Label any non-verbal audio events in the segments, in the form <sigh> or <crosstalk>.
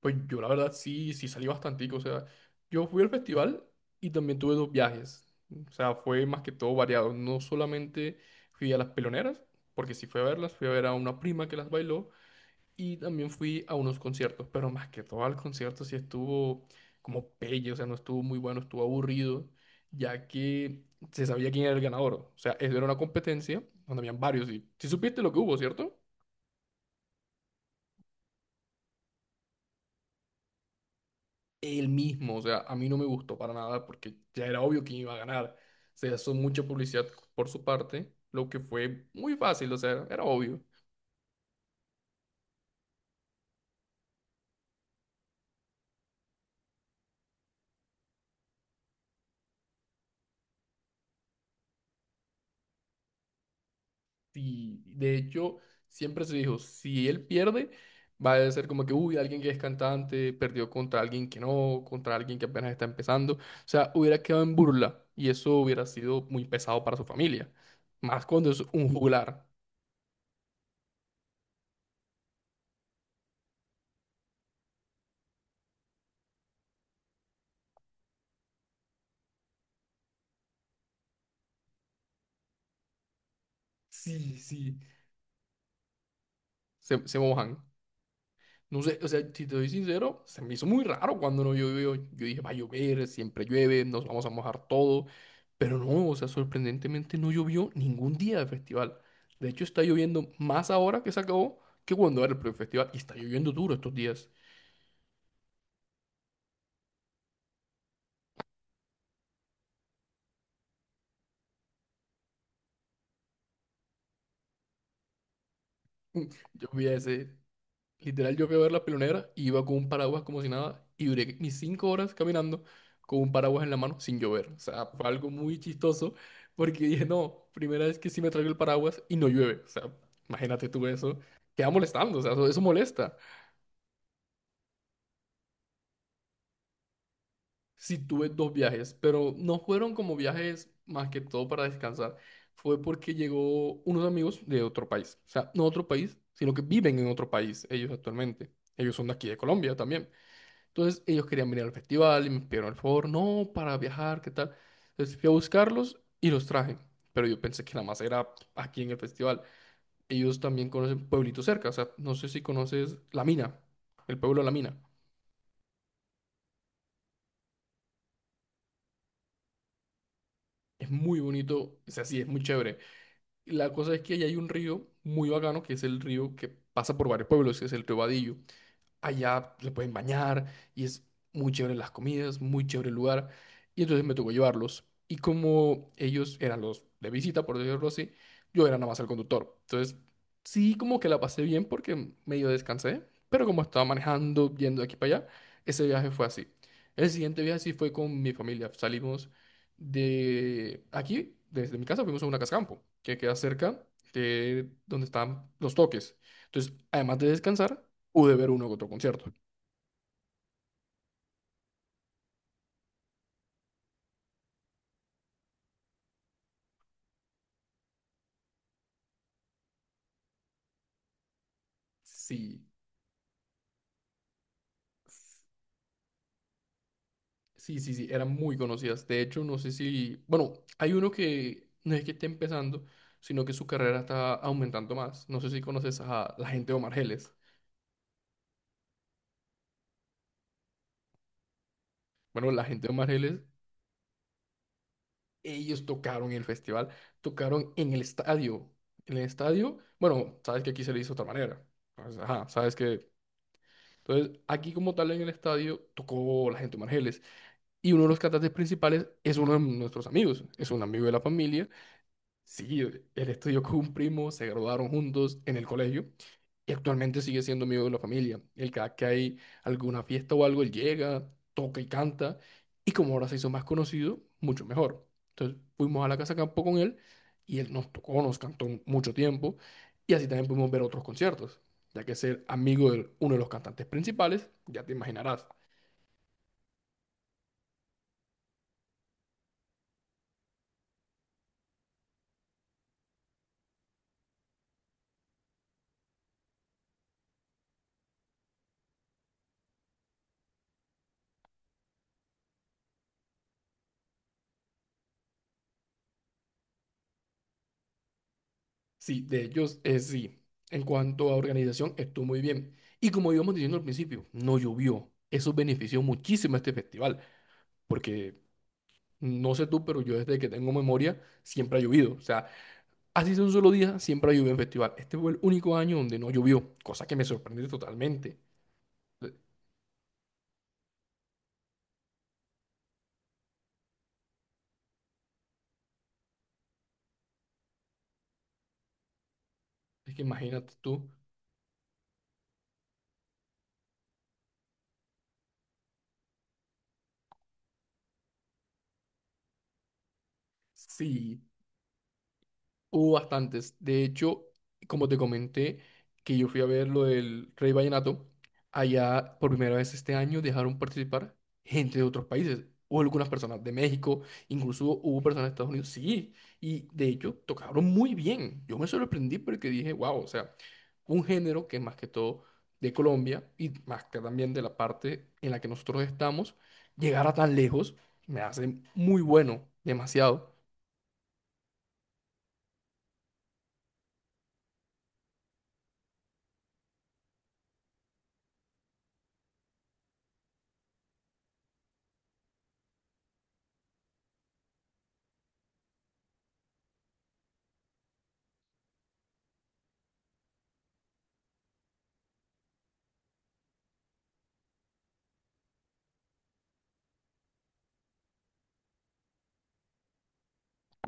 Pues yo la verdad sí, sí salí bastantico, o sea, yo fui al festival y también tuve dos viajes, o sea, fue más que todo variado, no solamente fui a las peloneras, porque sí fui a verlas, fui a ver a una prima que las bailó y también fui a unos conciertos, pero más que todo al concierto sí estuvo como pelle, o sea, no estuvo muy bueno, estuvo aburrido, ya que se sabía quién era el ganador, o sea, eso era una competencia donde habían varios y si supiste lo que hubo, ¿cierto? Él mismo. O sea, a mí no me gustó para nada porque ya era obvio quién iba a ganar. Se hizo mucha publicidad por su parte, lo que fue muy fácil, o sea, era obvio. Y de hecho, siempre se dijo, si él pierde, va a ser como que, uy, alguien que es cantante perdió contra alguien que no, contra alguien que apenas está empezando. O sea, hubiera quedado en burla y eso hubiera sido muy pesado para su familia. Más cuando es un juglar. Sí, sí. Se mojan. No sé, o sea, si te soy sincero, se me hizo muy raro cuando no llovió. Yo dije, va a llover, siempre llueve, nos vamos a mojar todo. Pero no, o sea, sorprendentemente no llovió ningún día del festival. De hecho, está lloviendo más ahora que se acabó que cuando era el primer festival. Y está lloviendo duro estos días. <laughs> Yo vi ese, literal, yo fui a ver la pionera y iba con un paraguas como si nada y duré mis cinco horas caminando con un paraguas en la mano sin llover. O sea, fue algo muy chistoso porque dije, no, primera vez que sí me traigo el paraguas y no llueve. O sea, imagínate tú eso. Queda molestando, o sea, eso molesta. Sí tuve dos viajes, pero no fueron como viajes más que todo para descansar. Fue porque llegó unos amigos de otro país. O sea, no otro país, sino que viven en otro país ellos actualmente. Ellos son de aquí de Colombia también. Entonces ellos querían venir al festival y me pidieron el favor, no, para viajar, ¿qué tal? Entonces fui a buscarlos y los traje, pero yo pensé que nada más era aquí en el festival. Ellos también conocen pueblitos cerca, o sea, no sé si conoces La Mina, el pueblo de La Mina. Es muy bonito, es así, es muy chévere. Y la cosa es que ahí hay un río muy bacano, que es el río que pasa por varios pueblos, que es el río Badillo. Allá se pueden bañar y es muy chévere las comidas, muy chévere el lugar. Y entonces me tocó llevarlos. Y como ellos eran los de visita, por decirlo así, yo era nada más el conductor. Entonces, sí, como que la pasé bien porque medio descansé, pero como estaba manejando, yendo de aquí para allá, ese viaje fue así. El siguiente viaje sí fue con mi familia. Salimos de aquí, desde mi casa, fuimos a una casa campo que queda cerca de donde están los toques. Entonces, además de descansar, pude ver uno que otro concierto. Sí, sí, sí, sí, eran muy conocidas. De hecho, no sé si, bueno, hay uno que no es que esté empezando, sino que su carrera está aumentando más. No sé si conoces a la gente de Omar Geles. Bueno, la gente de Omar Geles, ellos tocaron en el festival, tocaron en el estadio. En el estadio, bueno, sabes que aquí se le hizo de otra manera. Entonces, ajá, sabes que... Entonces, aquí como tal en el estadio tocó la gente de Omar Geles. Y uno de los cantantes principales es uno de nuestros amigos, es un amigo de la familia. Sí, él estudió con un primo, se graduaron juntos en el colegio y actualmente sigue siendo amigo de la familia. Él cada que hay alguna fiesta o algo, él llega, toca y canta y como ahora se hizo más conocido, mucho mejor. Entonces fuimos a la casa campo con él y él nos tocó, nos cantó mucho tiempo y así también pudimos ver otros conciertos, ya que ser amigo de uno de los cantantes principales, ya te imaginarás. Sí, de ellos es sí. En cuanto a organización, estuvo muy bien. Y como íbamos diciendo al principio, no llovió. Eso benefició muchísimo a este festival, porque no sé tú, pero yo desde que tengo memoria siempre ha llovido. O sea, así sea un solo día, siempre ha llovido en festival. Este fue el único año donde no llovió, cosa que me sorprende totalmente. Es que imagínate tú, sí. Hubo bastantes. De hecho, como te comenté, que yo fui a ver lo del Rey Vallenato, allá por primera vez este año dejaron participar gente de otros países. Hubo algunas personas de México, incluso hubo personas de Estados Unidos. Sí, y de hecho tocaron muy bien. Yo me sorprendí porque dije, wow, o sea, un género que más que todo de Colombia y más que también de la parte en la que nosotros estamos, llegar a tan lejos me hace muy bueno, demasiado,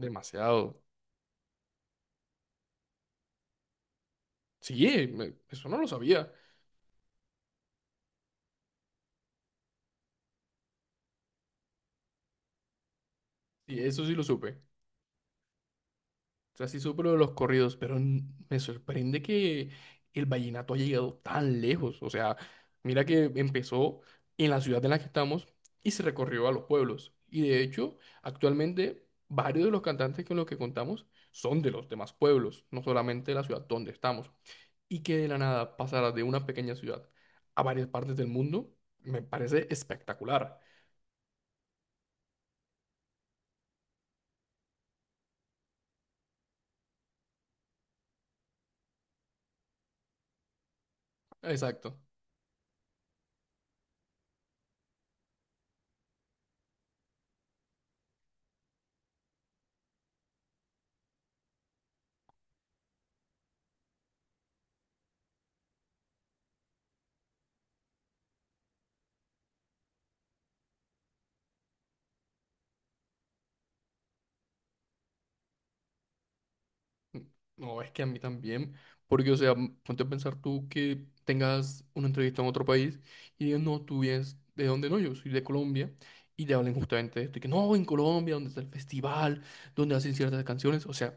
demasiado. Sí, eso no lo sabía. Y eso sí lo supe. O sea, sí supe lo de los corridos, pero me sorprende que el vallenato haya llegado tan lejos. O sea, mira que empezó en la ciudad en la que estamos y se recorrió a los pueblos. Y de hecho, actualmente varios de los cantantes con los que contamos son de los demás pueblos, no solamente de la ciudad donde estamos. Y que de la nada pasara de una pequeña ciudad a varias partes del mundo, me parece espectacular. Exacto. No, es que a mí también, porque, o sea, ponte a pensar tú que tengas una entrevista en otro país y digas, no, tú vienes de dónde no, yo soy de Colombia, y te hablen justamente de esto, y que no, en Colombia, donde está el festival, donde hacen ciertas canciones, o sea,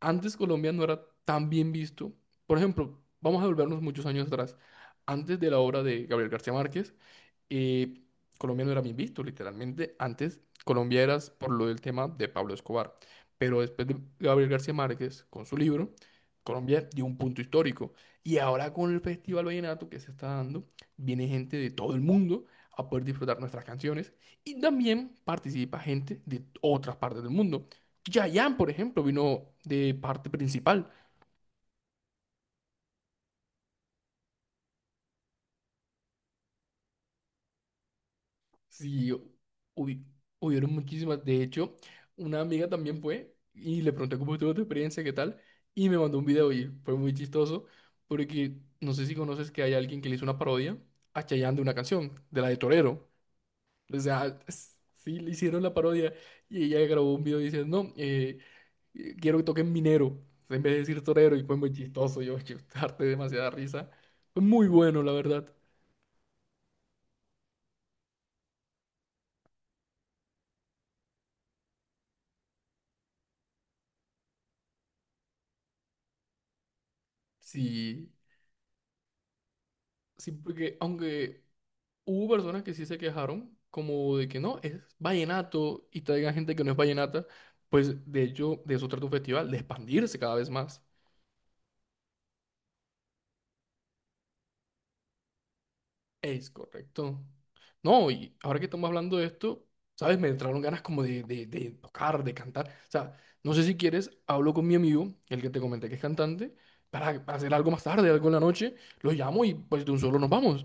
antes Colombia no era tan bien visto. Por ejemplo, vamos a volvernos muchos años atrás, antes de la obra de Gabriel García Márquez, y Colombia no era bien visto, literalmente. Antes, Colombia era por lo del tema de Pablo Escobar. Pero después de Gabriel García Márquez, con su libro, Colombia dio un punto histórico. Y ahora con el Festival Vallenato que se está dando, viene gente de todo el mundo a poder disfrutar nuestras canciones. Y también participa gente de otras partes del mundo. Yayan, por ejemplo, vino de parte principal. Sí, hubi- hubieron muchísimas. De hecho, una amiga también fue y le pregunté cómo estuvo tu experiencia, qué tal, y me mandó un video y fue muy chistoso porque no sé si conoces que hay alguien que le hizo una parodia a Chayanne de una canción, de la de Torero. O sea, sí, le hicieron la parodia y ella grabó un video diciendo, no, quiero que toquen Minero, en vez de decir Torero, y fue muy chistoso. Yo, <laughs> yo harté demasiada risa. Fue muy bueno, la verdad. Sí, sí, porque aunque... Hubo personas que sí se quejaron, como de que no, es vallenato y traigan gente que no es vallenata, pues de hecho de eso trata un festival, de expandirse cada vez más. Es correcto. No, y ahora que estamos hablando de esto, ¿sabes? Me entraron ganas como de tocar, de cantar. O sea, no sé si quieres, hablo con mi amigo, el que te comenté que es cantante, para hacer algo más tarde, algo en la noche, lo llamo y pues de un solo nos vamos.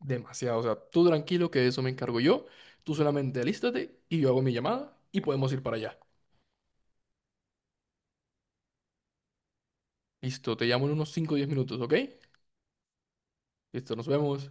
Demasiado. O sea, tú tranquilo que de eso me encargo yo. Tú solamente alístate y yo hago mi llamada y podemos ir para allá. Listo, te llamo en unos 5 o 10 minutos, ¿ok? Listo, nos vemos.